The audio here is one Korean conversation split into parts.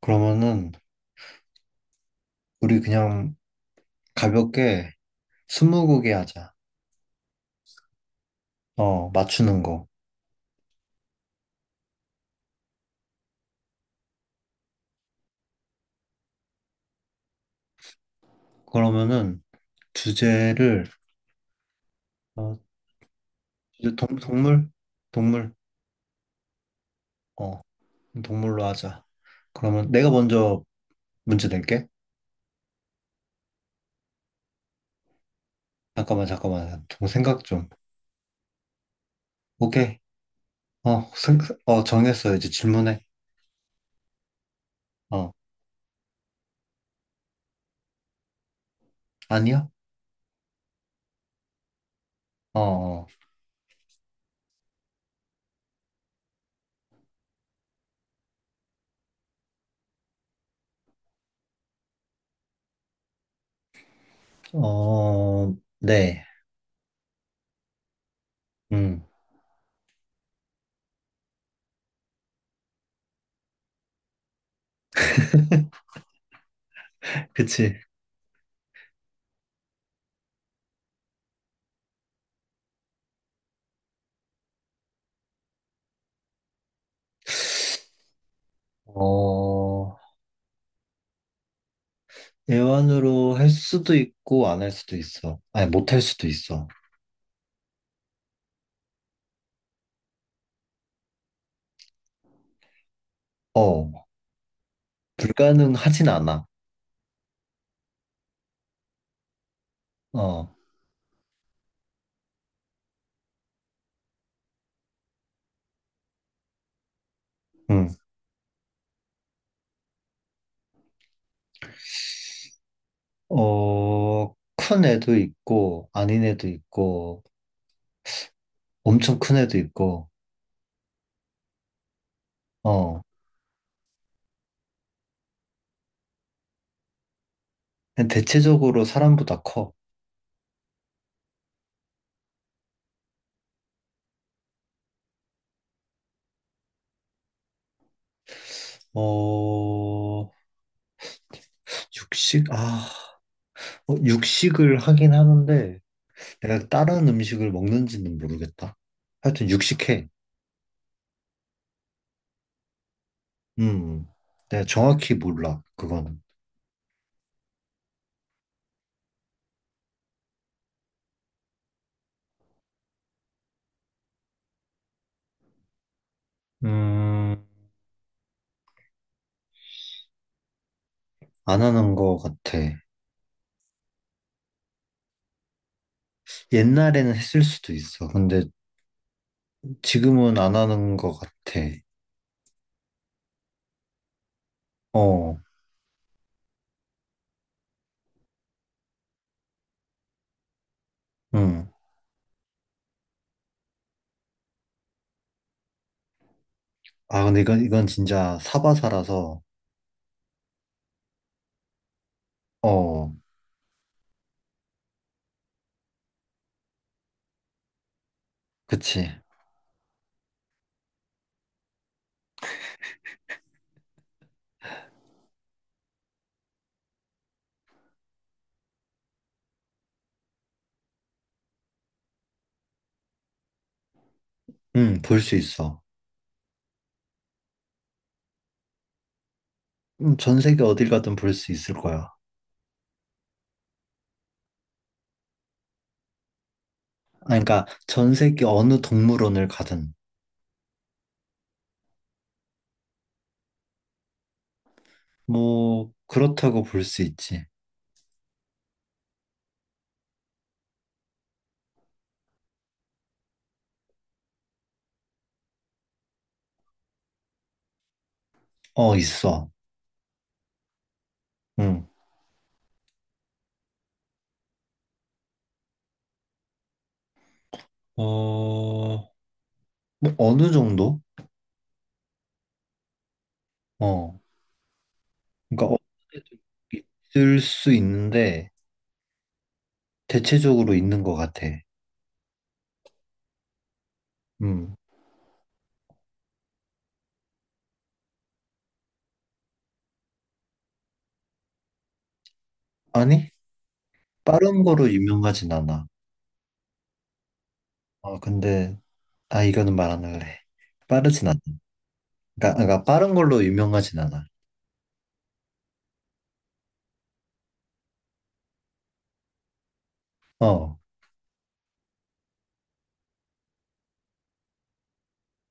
그러면은 우리 그냥 가볍게 스무고개 하자. 어, 맞추는 거. 그러면은 주제를 어, 주제 동물? 동물. 어, 동물로 하자. 그러면 내가 먼저 문제 낼게. 잠깐만, 잠깐만. 좀 생각 좀. 오케이. 어, 생, 어, 정했어. 이제 질문해. 어, 아니야? 어, 어, 네. 음, 그치. 어, 대화로 할 수도 있고 안 할 수도 있어. 아니 못 할 수도 있어. 어, 불가능하진 않아. 어, 응. 어큰 애도 있고 아닌 애도 있고 엄청 큰 애도 있고. 어, 그냥 대체적으로 사람보다 커. 어 육식 아 어, 육식을 하긴 하는데 내가 다른 음식을 먹는지는 모르겠다. 하여튼 육식해. 음, 내가 정확히 몰라 그거는. 음. 안 하는 거 같아. 옛날에는 했을 수도 있어. 근데 지금은 안 하는 거 같아. 어, 응. 아, 근데 이건 진짜 사바사라서, 어, 그치. 응, 볼 수 있어. 전 세계 어딜 가든 볼 수 있을 거야. 아, 그러니까 전 세계 어느 동물원을 가든, 뭐, 그렇다고 볼 수 있지. 어, 있어. 응. 어, 뭐, 어느 정도? 어. 그러니까 어느 정도 있을 수 있는데, 대체적으로 있는 것 같아. 음. 아니, 빠른 거로 유명하진 않아. 아, 근데, 아, 이거는 말 안 할래. 빠르진 않아. 그러니까 빠른 걸로 유명하진 않아. 어,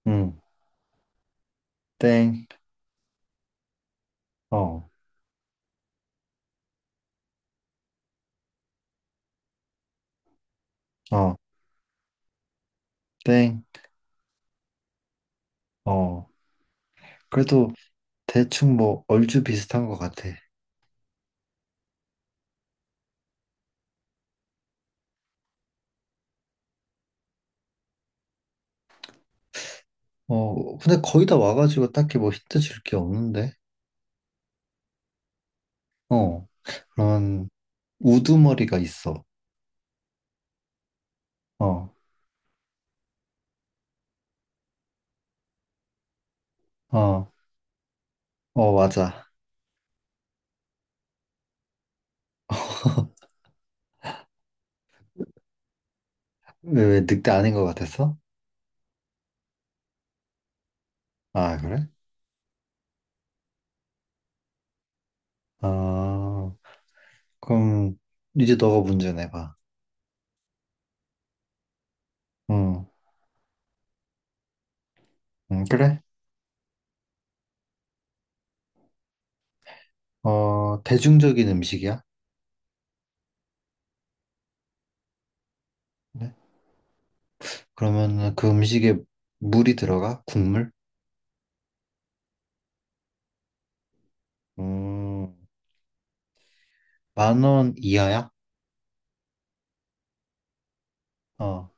음, 땡, 어, 어, 땡, 어. 그래도 대충 뭐, 얼추 비슷한 것 같아. 어, 근데 거의 다 와가지고 딱히 뭐 힌트 줄 게 없는데. 어, 그런 우두머리가 있어. 어, 어, 어, 맞아. 왜 늑대 아닌 것 같았어? 아, 그래? 아. 그럼 이제 너가 문제 내봐. 응. 응, 그래? 어, 대중적인 음식이야? 네. 그러면 그 음식에 물이 들어가? 국물? 음, 10,000원 이하야? 어,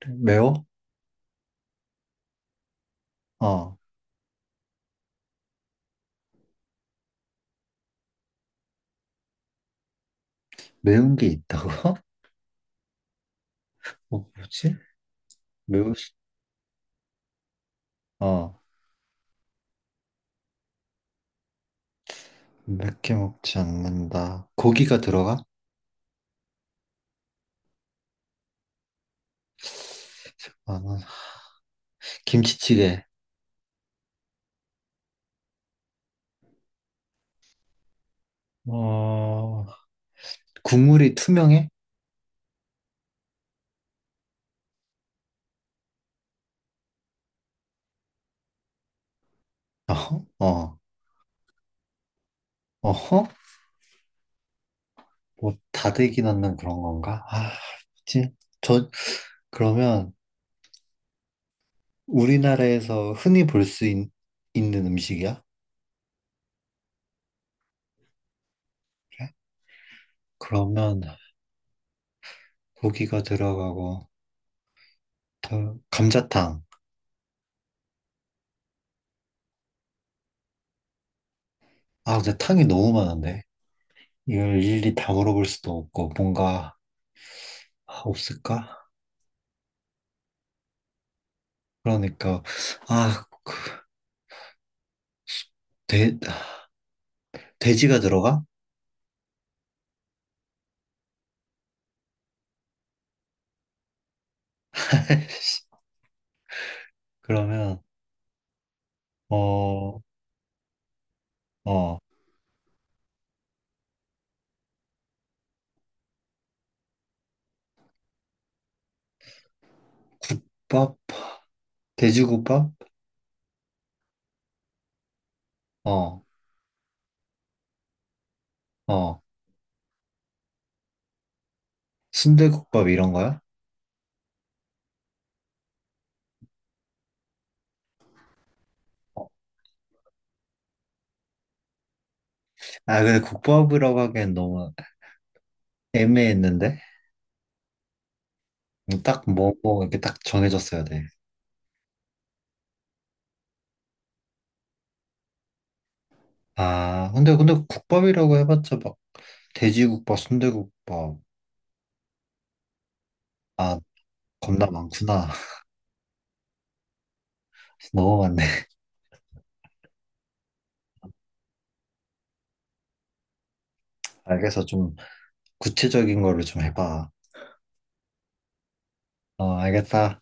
그래. 매워? 어, 매운 게 있다고? 어, 뭐지? 매우, 시- 어, 맵게 먹지 않는다. 고기가 들어가? 10,000원. 김치찌개. 어, 국물이 투명해? 어, 어, 어. 뭐 다대기 넣는 그런 건가? 진, 저, 그러면 우리나라에서 흔히 볼 수 있는 음식이야? 그래? 그러면 고기가 들어가고, 감자탕. 아, 근데 탕이 너무 많은데? 이걸 일일이 다 물어볼 수도 없고, 뭔가 없을까? 그러니까, 아, 그 돼, 돼지가 들어가? 그러면, 어, 어, 국밥? 돼지국밥? 어, 어, 순대국밥 이런 거야? 아, 근데 국밥이라고 하기엔 너무 애매했는데? 뭐 딱 이렇게 딱 정해졌어야 돼. 근데 국밥이라고 해봤자 막, 돼지국밥, 순대국밥. 아, 겁나 많구나. 너무 많네. 알겠어. 좀 구체적인 거를 좀 해봐. 어, 알겠다.